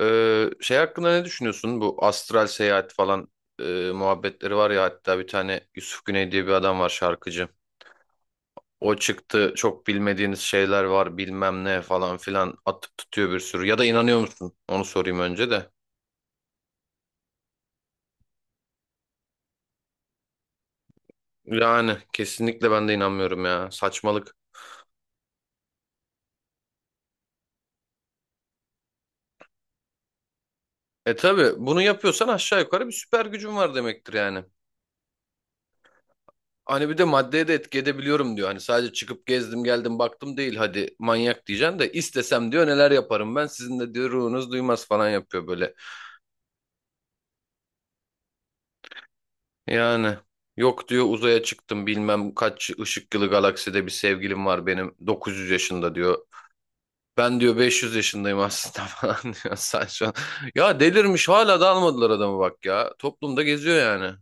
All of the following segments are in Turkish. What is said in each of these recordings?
Şey hakkında ne düşünüyorsun? Bu astral seyahat falan e, muhabbetleri var ya, hatta bir tane Yusuf Güney diye bir adam var, şarkıcı. O çıktı, çok bilmediğiniz şeyler var bilmem ne falan filan, atıp tutuyor bir sürü. Ya da inanıyor musun? Onu sorayım önce de. Yani kesinlikle ben de inanmıyorum ya, saçmalık. E tabi bunu yapıyorsan aşağı yukarı bir süper gücün var demektir yani. Hani bir de maddeye de etki edebiliyorum diyor. Hani sadece çıkıp gezdim geldim baktım değil, hadi manyak diyeceksin de, istesem diyor neler yaparım ben, sizin de diyor ruhunuz duymaz falan yapıyor böyle. Yani yok diyor, uzaya çıktım bilmem kaç ışık yılı galakside bir sevgilim var benim, 900 yaşında diyor. Ben diyor 500 yaşındayım aslında falan diyor, sen saçma. Ya delirmiş, hala da almadılar adamı bak ya. Toplumda geziyor yani.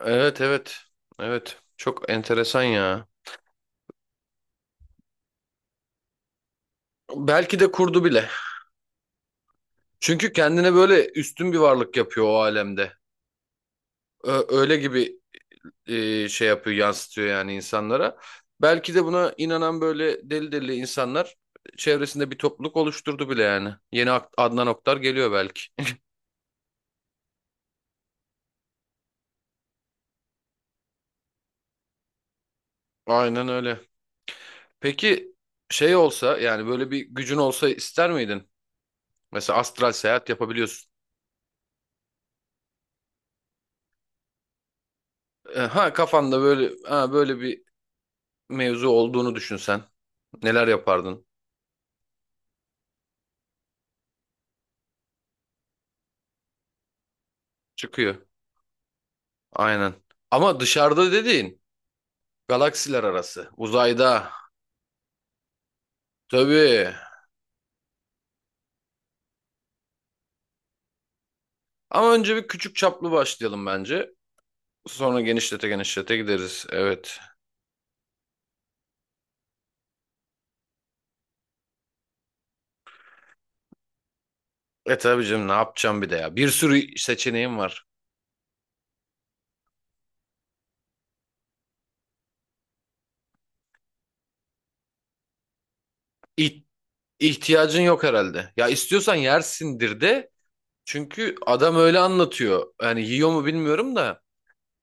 Evet, evet, evet, çok enteresan ya. Belki de kurdu bile. Çünkü kendine böyle üstün bir varlık yapıyor o alemde. Öyle gibi, şey yapıyor, yansıtıyor yani insanlara. Belki de buna inanan böyle deli deli insanlar çevresinde bir topluluk oluşturdu bile yani. Adnan Oktar geliyor belki. Aynen öyle. Peki, şey olsa yani, böyle bir gücün olsa ister miydin? Mesela astral seyahat yapabiliyorsun. Ha kafanda, böyle ha, böyle bir mevzu olduğunu düşünsen neler yapardın? Çıkıyor. Aynen. Ama dışarıda dediğin galaksiler arası. Uzayda. Tabii. Ama önce bir küçük çaplı başlayalım bence. Sonra genişlete genişlete gideriz. Evet. E tabii canım, ne yapacağım bir de ya. Bir sürü seçeneğim var. İh- ihtiyacın yok herhalde. Ya istiyorsan yersindir de. Çünkü adam öyle anlatıyor. Yani yiyor mu bilmiyorum da.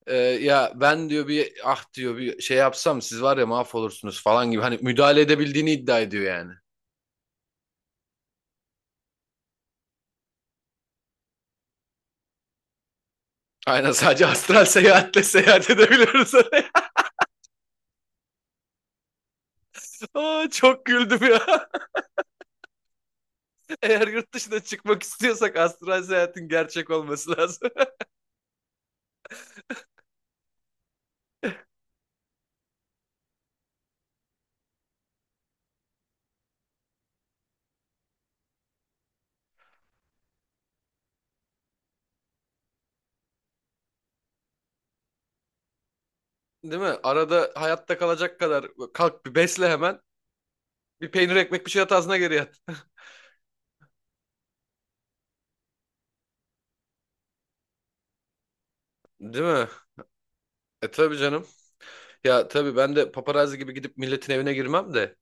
Ya ben diyor bir ah diyor, bir şey yapsam siz var ya mahvolursunuz falan gibi. Hani müdahale edebildiğini iddia ediyor yani. Aynen, sadece astral seyahatle seyahat edebiliyoruz. Aa, çok güldüm ya. Eğer yurt dışına çıkmak istiyorsak astral seyahatin gerçek olması lazım. Değil mi? Arada hayatta kalacak kadar kalk bir besle hemen. Bir peynir ekmek bir şey at ağzına, geri yat. Değil mi? E tabii canım. Ya tabii ben de paparazzi gibi gidip milletin evine girmem de.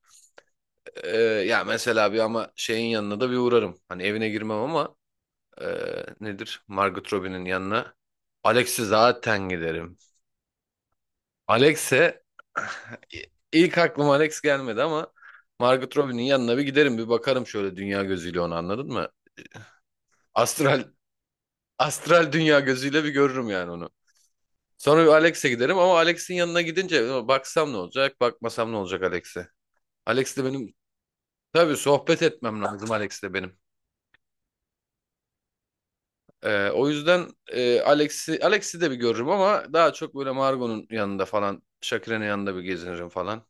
Ya mesela bir, ama şeyin yanına da bir uğrarım. Hani evine girmem ama, e, nedir, Margot Robbie'nin yanına. Alex'i zaten giderim. Alex'e ilk aklıma Alex gelmedi ama Margot Robbie'nin yanına bir giderim, bir bakarım şöyle dünya gözüyle onu, anladın mı? Astral astral dünya gözüyle bir görürüm yani onu. Sonra bir Alex'e giderim, ama Alex'in yanına gidince baksam ne olacak, bakmasam ne olacak Alex'e? Alex'le benim, tabii, sohbet etmem lazım Alex'le benim. O yüzden, Alex'i de bir görürüm ama daha çok böyle Margot'un yanında falan, Shakira'nın yanında bir gezinirim falan.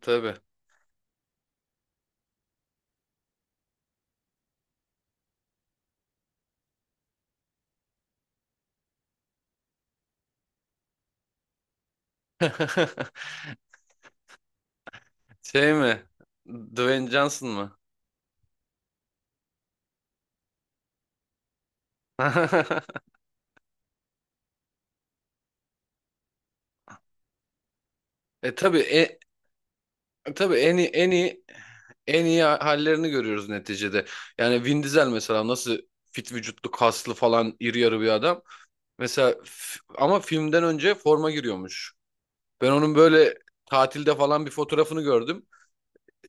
Tabii. Şey mi? Dwayne Johnson mı? E tabii, tabii en iyi en iyi hallerini görüyoruz neticede. Yani Vin Diesel mesela nasıl fit vücutlu, kaslı falan, iri yarı bir adam. Ama filmden önce forma giriyormuş. Ben onun böyle tatilde falan bir fotoğrafını gördüm.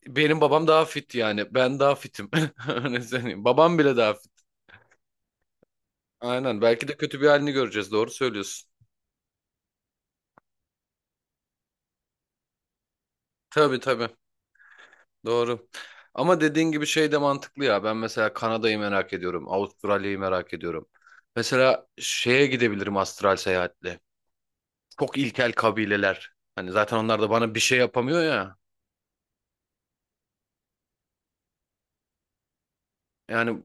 Benim babam daha fit yani. Ben daha fitim. Öyle söyleyeyim. Babam bile daha fit. Aynen. Belki de kötü bir halini göreceğiz. Doğru söylüyorsun. Tabii, tabii. Doğru. Ama dediğin gibi şey de mantıklı ya. Ben mesela Kanada'yı merak ediyorum. Avustralya'yı merak ediyorum. Mesela şeye gidebilirim astral seyahatle. Çok ilkel kabileler. Hani zaten onlar da bana bir şey yapamıyor ya. Yani,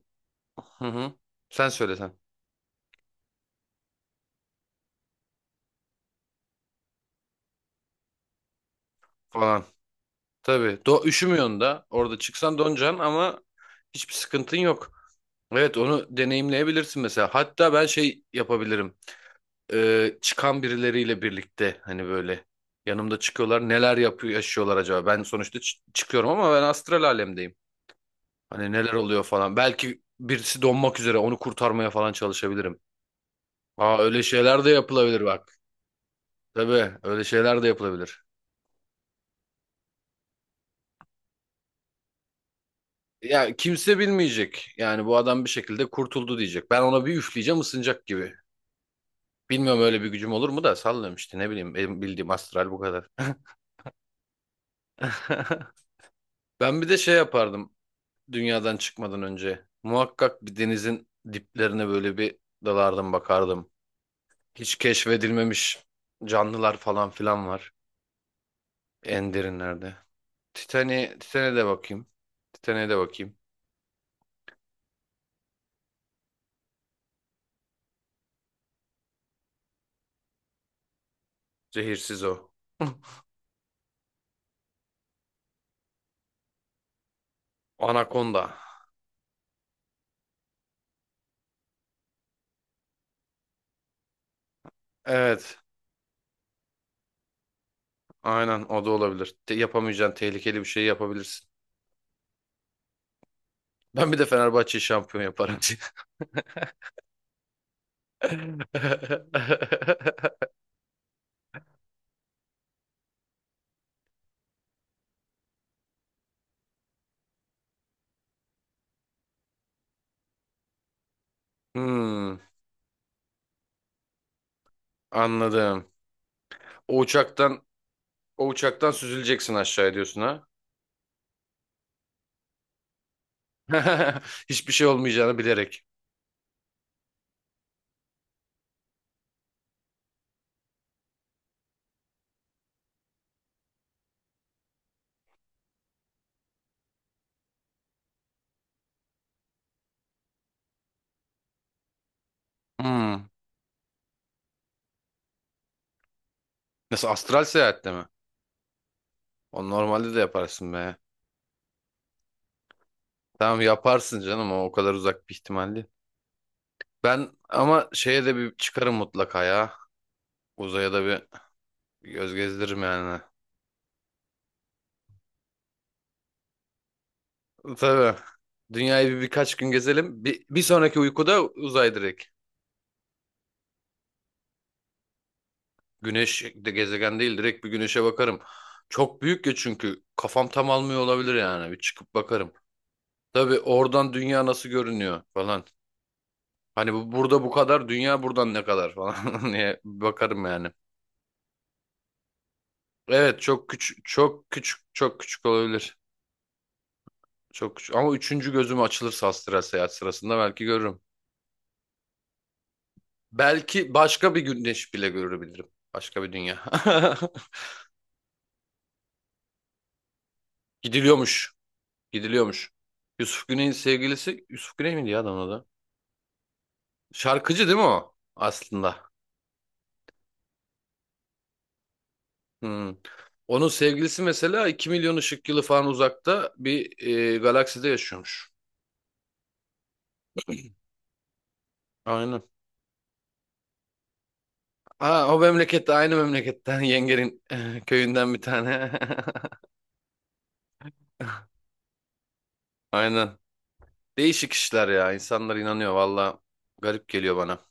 hı hı. Sen söylesen falan. Tabii. Üşümüyorsun da. Orada çıksan donacaksın ama hiçbir sıkıntın yok. Evet, onu deneyimleyebilirsin mesela. Hatta ben şey yapabilirim. Çıkan birileriyle birlikte hani böyle yanımda çıkıyorlar. Neler yapıyor, yaşıyorlar acaba? Ben sonuçta çıkıyorum ama ben astral alemdeyim. Hani neler oluyor falan. Belki birisi donmak üzere, onu kurtarmaya falan çalışabilirim. Aa, öyle şeyler de yapılabilir bak. Tabii, öyle şeyler de yapılabilir. Ya kimse bilmeyecek. Yani bu adam bir şekilde kurtuldu diyecek. Ben ona bir üfleyeceğim, ısınacak gibi. Bilmiyorum öyle bir gücüm olur mu da, sallıyorum işte, ne bileyim, benim bildiğim astral bu kadar. Ben bir de şey yapardım. Dünyadan çıkmadan önce muhakkak bir denizin diplerine böyle bir dalardım, bakardım. Hiç keşfedilmemiş canlılar falan filan var en derinlerde. Titanic'e de bakayım. Titanic'e de bakayım. Zehirsiz o. Anakonda. Evet, aynen, o da olabilir. Yapamayacağın tehlikeli bir şey yapabilirsin. Ben bir de Fenerbahçe'yi şampiyon yaparım. Hmm, anladım. O uçaktan o uçaktan süzüleceksin aşağı diyorsun ha. Hiçbir şey olmayacağını bilerek. Hmm. Nasıl, astral seyahatle mi? O normalde de yaparsın be. Tamam yaparsın canım, o kadar uzak bir ihtimal değil. Ben ama şeye de bir çıkarım mutlaka ya. Uzaya da bir göz gezdiririm yani. Tabii. Dünyayı bir birkaç gün gezelim. Bir sonraki uykuda uzay direkt. Güneş de gezegen değil, direkt bir güneşe bakarım. Çok büyük ya, çünkü kafam tam almıyor olabilir yani. Bir çıkıp bakarım. Tabii, oradan dünya nasıl görünüyor falan. Hani bu burada bu kadar, dünya buradan ne kadar falan diye bakarım yani. Evet, çok küçük olabilir. Çok küçük. Ama üçüncü gözüm açılırsa astral seyahat sırasında belki görürüm. Belki başka bir güneş bile görebilirim. Başka bir dünya. Gidiliyormuş. Gidiliyormuş. Yusuf Güney'in sevgilisi, Yusuf Güney miydi ya adamın adı? Şarkıcı değil mi o aslında? Hmm. Onun sevgilisi mesela 2 milyon ışık yılı falan uzakta bir galakside yaşıyormuş. Aynen. Aa, o memlekette, aynı memleketten yengenin, eh, köyünden bir tane. Aynen. Değişik işler ya. İnsanlar inanıyor valla. Garip geliyor bana.